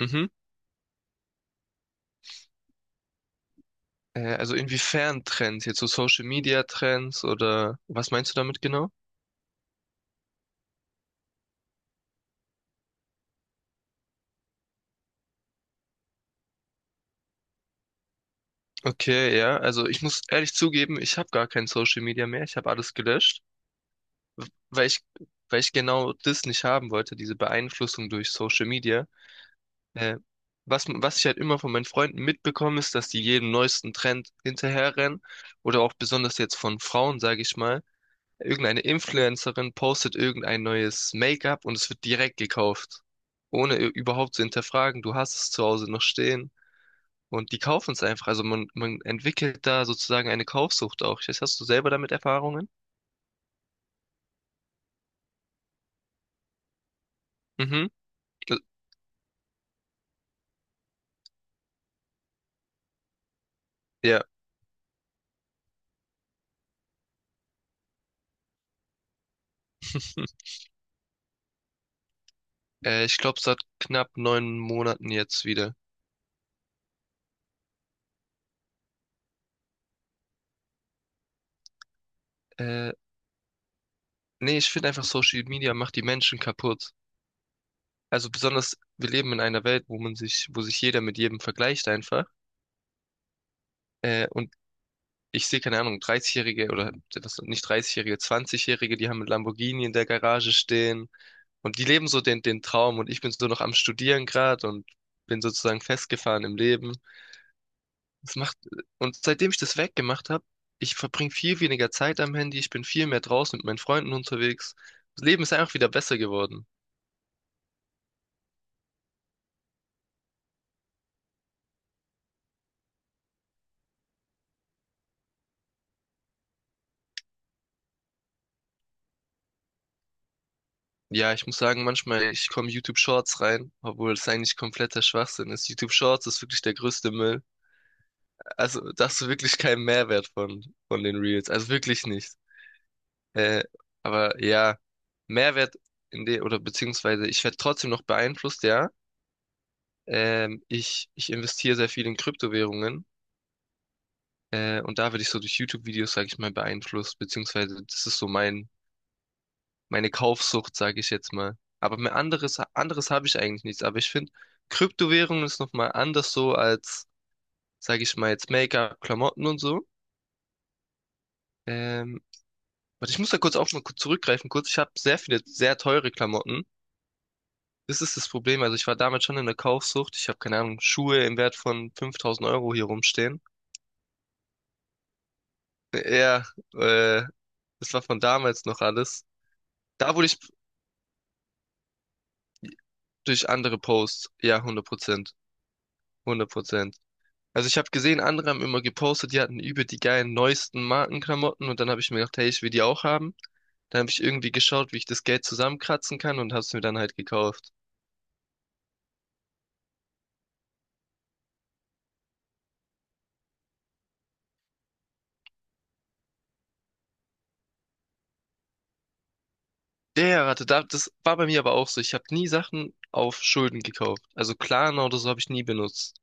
Mhm. Also inwiefern Trends? Jetzt so Social Media Trends oder was meinst du damit genau? Okay, ja. Also ich muss ehrlich zugeben, ich habe gar kein Social Media mehr. Ich habe alles gelöscht, weil ich, weil ich genau das nicht haben wollte, diese Beeinflussung durch Social Media. Äh, was ich halt immer von meinen Freunden mitbekomme, ist, dass die jeden neuesten Trend hinterherrennen oder auch besonders jetzt von Frauen, sage ich mal. Irgendeine Influencerin postet irgendein neues Make-up und es wird direkt gekauft. Ohne überhaupt zu hinterfragen. Du hast es zu Hause noch stehen. Und die kaufen es einfach. Also man entwickelt da sozusagen eine Kaufsucht auch. Ich weiß, hast du selber damit Erfahrungen? Mhm. Äh, Ja. Ich glaube, seit knapp 9 Monaten jetzt wieder. Äh, nee, ich finde einfach, Social Media macht die Menschen kaputt. Also besonders, wir leben in einer Welt, wo sich jeder mit jedem vergleicht einfach. Und ich sehe, keine Ahnung, 30-Jährige oder was, nicht 30-Jährige, 20-Jährige, die haben mit Lamborghini in der Garage stehen und die leben so den Traum und ich bin so noch am Studieren gerade und bin sozusagen festgefahren im Leben. Das macht, und seitdem ich das weggemacht habe, ich verbringe viel weniger Zeit am Handy, ich bin viel mehr draußen mit meinen Freunden unterwegs. Das Leben ist einfach wieder besser geworden. Ja, ich muss sagen, manchmal, ich komme YouTube Shorts rein, obwohl es eigentlich kompletter Schwachsinn ist. YouTube Shorts ist wirklich der größte Müll. Also, da hast du wirklich keinen Mehrwert von den Reels. Also wirklich nicht. Äh, aber ja, Mehrwert oder beziehungsweise ich werde trotzdem noch beeinflusst, ja. Ich investiere sehr viel in Kryptowährungen. Und da werde ich so durch YouTube-Videos, sage ich mal, beeinflusst, beziehungsweise das ist so meine Kaufsucht, sage ich jetzt mal. Aber mehr anderes habe ich eigentlich nichts. Aber ich finde, Kryptowährungen ist nochmal anders so als, sage ich mal, jetzt Make-up, Klamotten und so. Ähm, Warte, ich muss da kurz auch mal kurz zurückgreifen. Kurz, ich habe sehr viele sehr teure Klamotten. Das ist das Problem. Also ich war damals schon in der Kaufsucht. Ich habe keine Ahnung, Schuhe im Wert von 5000 Euro hier rumstehen. Ja, äh, das war von damals noch alles. Da wurde ich durch andere Posts. Ja, 100%. 100%. Also ich habe gesehen, andere haben immer gepostet, die hatten über die geilen neuesten Markenklamotten und dann habe ich mir gedacht, hey, ich will die auch haben. Dann habe ich irgendwie geschaut, wie ich das Geld zusammenkratzen kann und habe es mir dann halt gekauft. Das war bei mir aber auch so. Ich habe nie Sachen auf Schulden gekauft. Also Klarna oder so habe ich nie benutzt.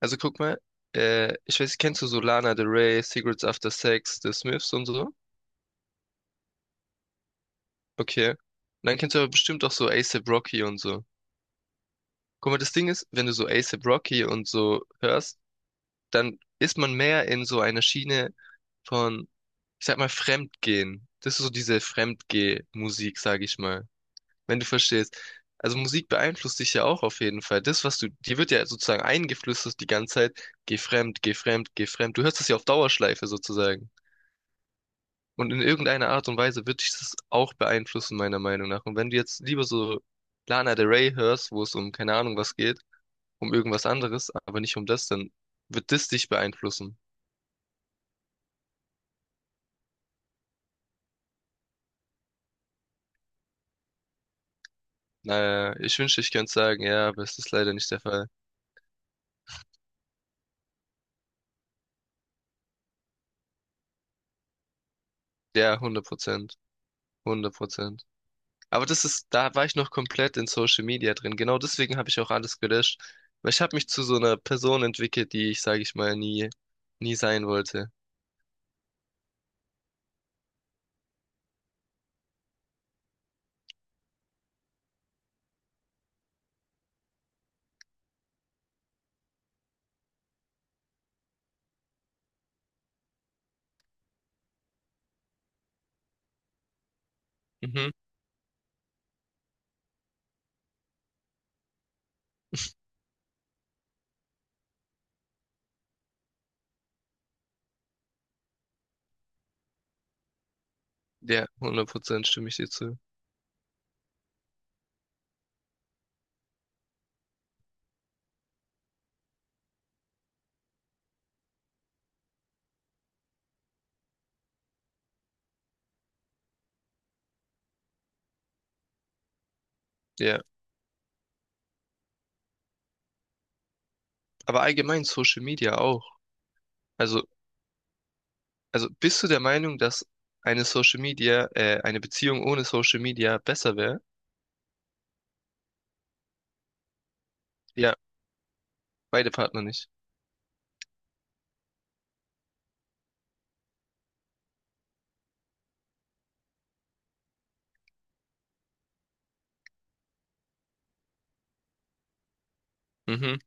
Also guck mal, ich weiß, kennst du so Lana Del Rey, Cigarettes After Sex, The Smiths und so? Okay. Und dann kennst du aber bestimmt auch so A$AP Rocky und so. Guck mal, das Ding ist, wenn du so A$AP Rocky und so hörst, dann ist man mehr in so einer Schiene von, ich sag mal, Fremdgehen. Das ist so diese Fremdgeh-Musik, sag ich mal, wenn du verstehst. Also Musik beeinflusst dich ja auch auf jeden Fall. Dir wird ja sozusagen eingeflüstert die ganze Zeit, geh fremd, geh fremd, geh fremd. Du hörst es ja auf Dauerschleife sozusagen. Und in irgendeiner Art und Weise wird dich das auch beeinflussen, meiner Meinung nach. Und wenn du jetzt lieber so Lana Del Rey hörst, wo es um keine Ahnung was geht, um irgendwas anderes, aber nicht um das, dann wird das dich beeinflussen. Naja, ich wünschte, ich könnte sagen, ja, aber es ist leider nicht der Fall. Ja, 100%. Hundert Prozent. Aber das ist, da war ich noch komplett in Social Media drin. Genau deswegen habe ich auch alles gelöscht. Weil ich habe mich zu so einer Person entwickelt, die ich, sage ich mal, nie sein wollte. Mhm. Ja, 100% stimme ich dir zu. Ja, aber allgemein Social Media auch. Also, also bist du der Meinung, dass eine eine Beziehung ohne Social Media besser wäre? Ja, beide Partner nicht. Mhm.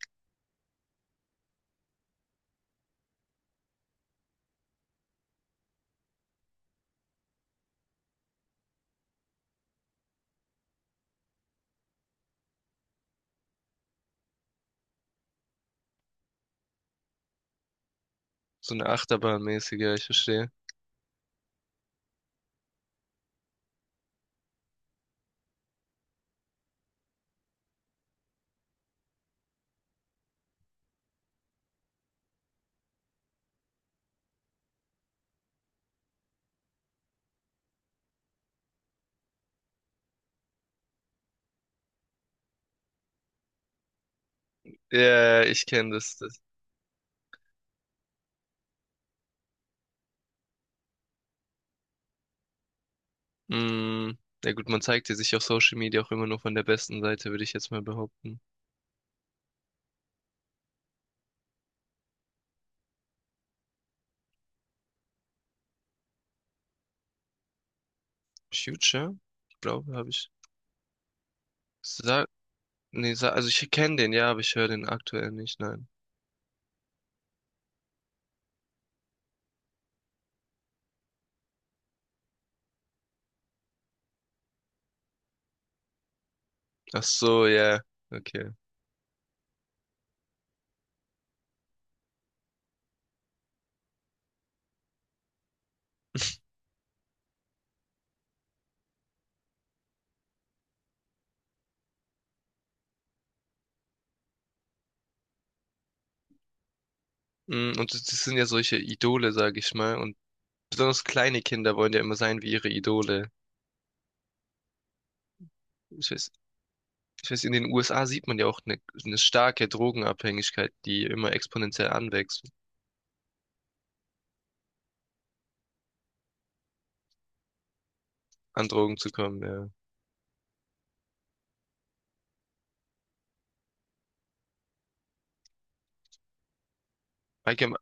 So eine Achterbahnmäßige, ich verstehe. Ja, ich kenne das. Mm, ja gut, man zeigt ja sich auf Social Media auch immer nur von der besten Seite, würde ich jetzt mal behaupten. Future? Ich glaube, habe ich. Sa nee, Sa also ich kenne den, ja, aber ich höre den aktuell nicht, nein. Ach so, ja, okay. Mm, und das sind ja solche Idole, sage ich mal. Und besonders kleine Kinder wollen ja immer sein wie ihre Idole. Ich weiß, ich weiß, in den USA sieht man ja auch eine starke Drogenabhängigkeit, die immer exponentiell anwächst, an Drogen zu kommen, ja.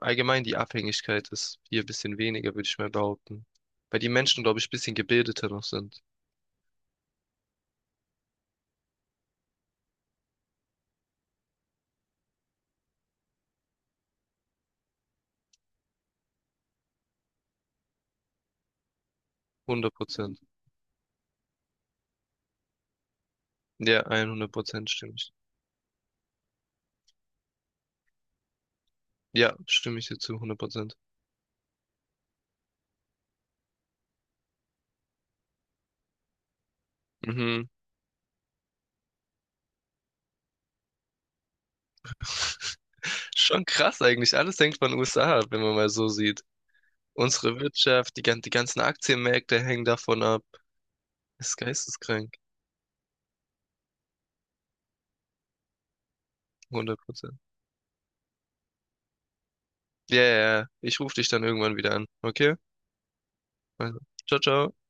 Allgemein, die Abhängigkeit ist hier ein bisschen weniger, würde ich mal behaupten. Weil die Menschen, glaube ich, ein bisschen gebildeter noch sind. 100%. Ja, 100% stimme ich. Ja, stimme ich dir zu, 100%. Mhm. Schon krass eigentlich. Alles hängt von USA ab, wenn man mal so sieht. Unsere Wirtschaft, die ganzen Aktienmärkte hängen davon ab. Das ist geisteskrank. 100%. Ja, ja, ja. Ich rufe dich dann irgendwann wieder an. Okay? Also, ciao, ciao.